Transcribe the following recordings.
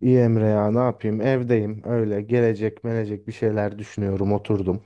İyi Emre ya ne yapayım, evdeyim, öyle gelecek melecek bir şeyler düşünüyorum, oturdum.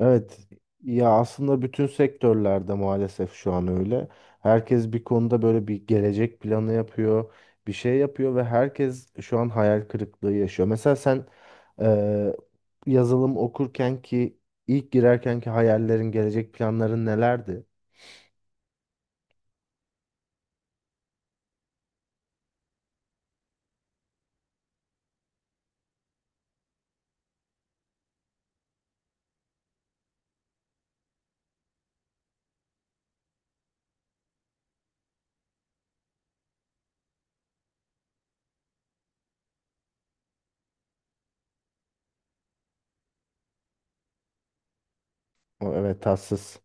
Evet, ya aslında bütün sektörlerde maalesef şu an öyle. Herkes bir konuda böyle bir gelecek planı yapıyor, bir şey yapıyor ve herkes şu an hayal kırıklığı yaşıyor. Mesela sen eee, yazılım okurken ki ilk girerken ki hayallerin, gelecek planların nelerdi? O, evet, tatsız.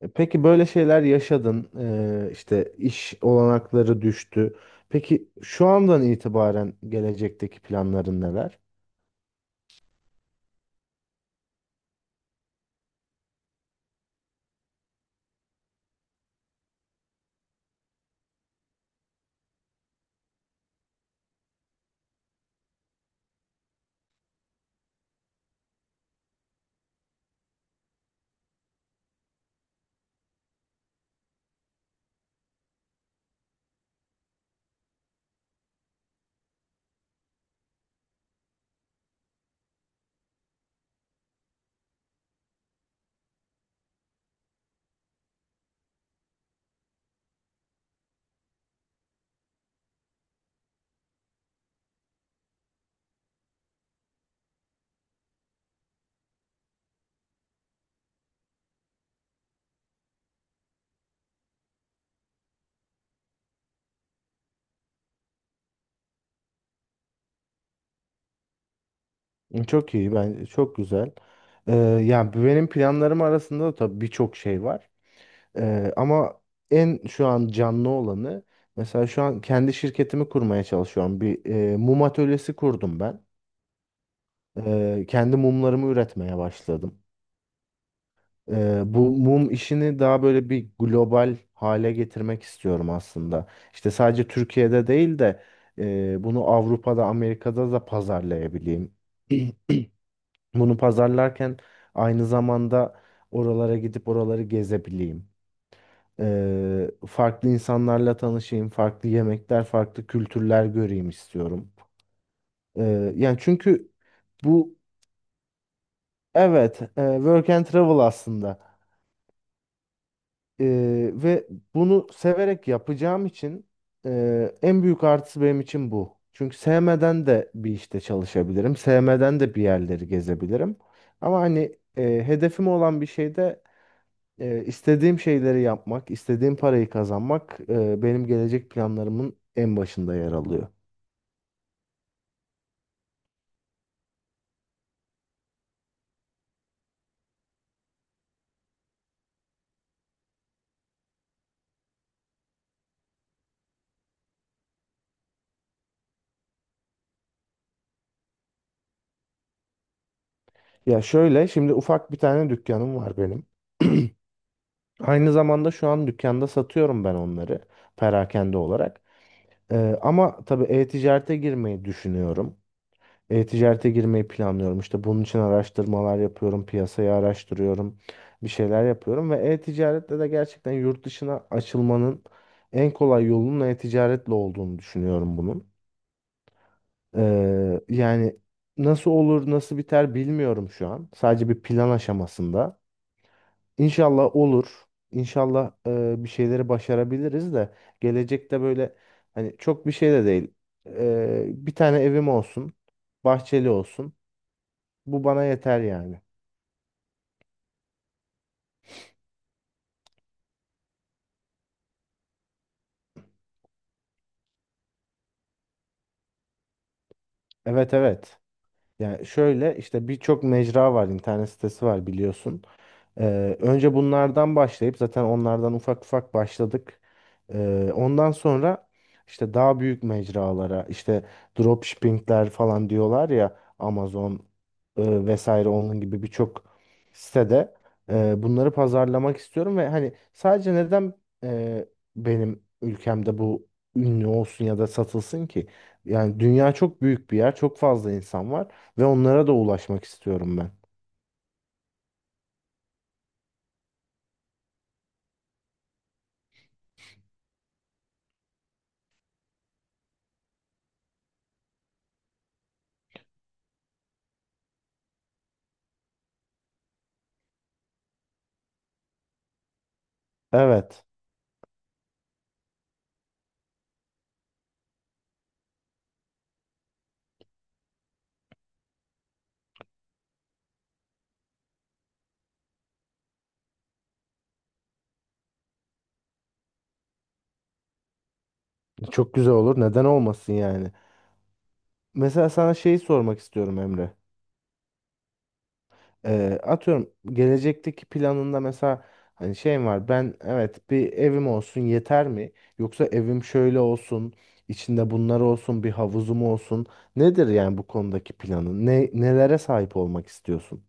Peki böyle şeyler yaşadın, işte iş olanakları düştü. Peki şu andan itibaren gelecekteki planların neler? Hı, çok iyi, ben çok güzel. Eee, Yani benim planlarım arasında da tabii birçok şey var. Ama en şu an canlı olanı, mesela şu an kendi şirketimi kurmaya çalışıyorum. Bir mum atölyesi kurdum ben. Kendi mumlarımı üretmeye başladım. Bu mum işini daha böyle bir global hale getirmek istiyorum aslında. İşte sadece Türkiye'de değil de bunu Avrupa'da, Amerika'da da pazarlayabileyim. Bunu pazarlarken aynı zamanda oralara gidip oraları gezebileyim. Farklı insanlarla tanışayım, farklı yemekler, farklı kültürler göreyim istiyorum. Yani çünkü bu evet, work and travel aslında. Ve bunu severek yapacağım için en büyük artısı benim için bu. Çünkü sevmeden de bir işte çalışabilirim. Sevmeden de bir yerleri gezebilirim. Ama hani hedefim olan bir şeyde istediğim şeyleri yapmak, istediğim parayı kazanmak benim gelecek planlarımın en başında yer alıyor. Ya şöyle, şimdi ufak bir tane dükkanım var benim. Aynı zamanda şu an dükkanda satıyorum ben onları, perakende olarak. Ama tabii e-ticarete girmeyi düşünüyorum. E-ticarete girmeyi planlıyorum. İşte bunun için araştırmalar yapıyorum, piyasayı araştırıyorum, bir şeyler yapıyorum ve e-ticarette de gerçekten yurt dışına açılmanın en kolay yolunun e-ticaretle olduğunu düşünüyorum bunun. Yani nasıl olur, nasıl biter bilmiyorum şu an. Sadece bir plan aşamasında. İnşallah olur. İnşallah bir şeyleri başarabiliriz de gelecekte, böyle hani çok bir şey de değil. Bir tane evim olsun, bahçeli olsun. Bu bana yeter yani. Evet, evet. Yani şöyle işte birçok mecra var, internet sitesi var biliyorsun. Önce bunlardan başlayıp, zaten onlardan ufak ufak başladık. Ondan sonra işte daha büyük mecralara, işte dropshippingler falan diyorlar ya, Amazon vesaire, onun gibi birçok sitede bunları pazarlamak istiyorum ve hani sadece neden e, benim ülkemde bu ünlü olsun ya da satılsın ki? Yani dünya çok büyük bir yer, çok fazla insan var ve onlara da ulaşmak istiyorum ben. Evet. Çok güzel olur. Neden olmasın yani? Mesela sana şeyi sormak istiyorum Emre. Atıyorum, gelecekteki planında mesela hani şeyim var. Ben evet, bir evim olsun yeter mi? Yoksa evim şöyle olsun, içinde bunlar olsun, bir havuzum olsun. Nedir yani bu konudaki planın? Ne nelere sahip olmak istiyorsun?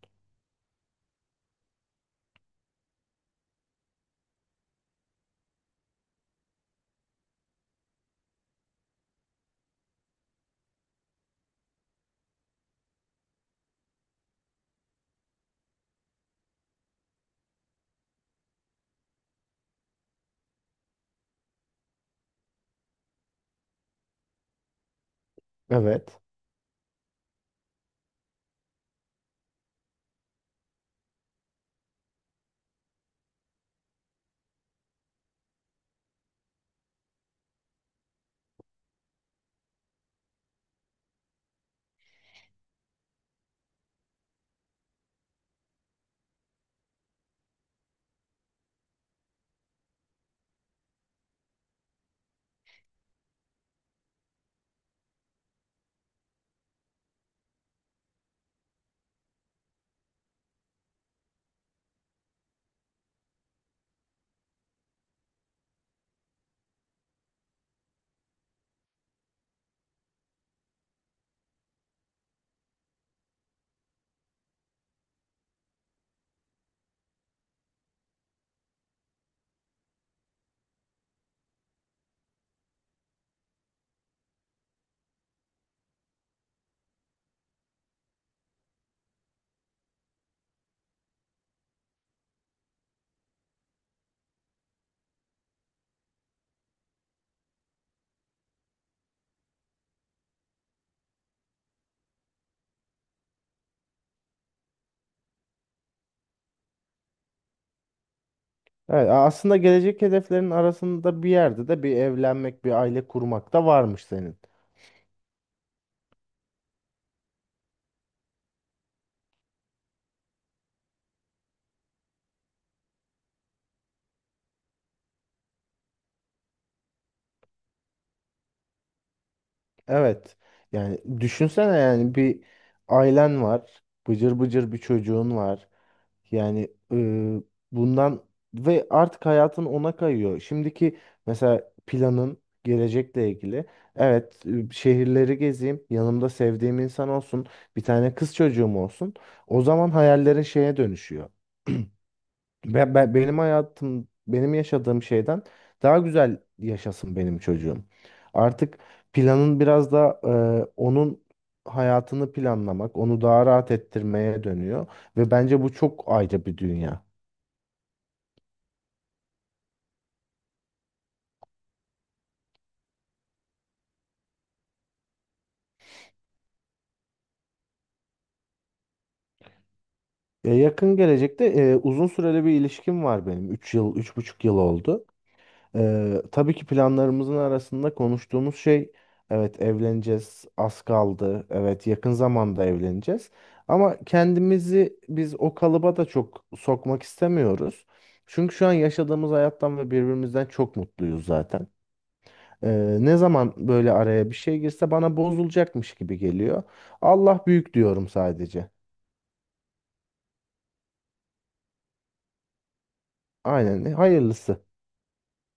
Evet. Evet, aslında gelecek hedeflerin arasında bir yerde de bir evlenmek, bir aile kurmak da varmış senin. Evet. Yani düşünsene, yani bir ailen var, bıcır bıcır bir çocuğun var. Yani bundan ve artık hayatın ona kayıyor. Şimdiki mesela planın gelecekle ilgili. Evet, şehirleri gezeyim, yanımda sevdiğim insan olsun, bir tane kız çocuğum olsun. O zaman hayallerin şeye dönüşüyor. Ve benim hayatım, benim yaşadığım şeyden daha güzel yaşasın benim çocuğum. Artık planın biraz da onun hayatını planlamak, onu daha rahat ettirmeye dönüyor ve bence bu çok ayrı bir dünya. E, yakın gelecekte, uzun süreli bir ilişkim var benim. 3 yıl, 3,5 yıl oldu. Tabii ki planlarımızın arasında konuştuğumuz şey, evet evleneceğiz, az kaldı, evet yakın zamanda evleneceğiz, ama kendimizi biz o kalıba da çok sokmak istemiyoruz. Çünkü şu an yaşadığımız hayattan ve birbirimizden çok mutluyuz zaten. Ne zaman böyle araya bir şey girse bana bozulacakmış gibi geliyor. Allah büyük diyorum sadece. Aynen, hayırlısı.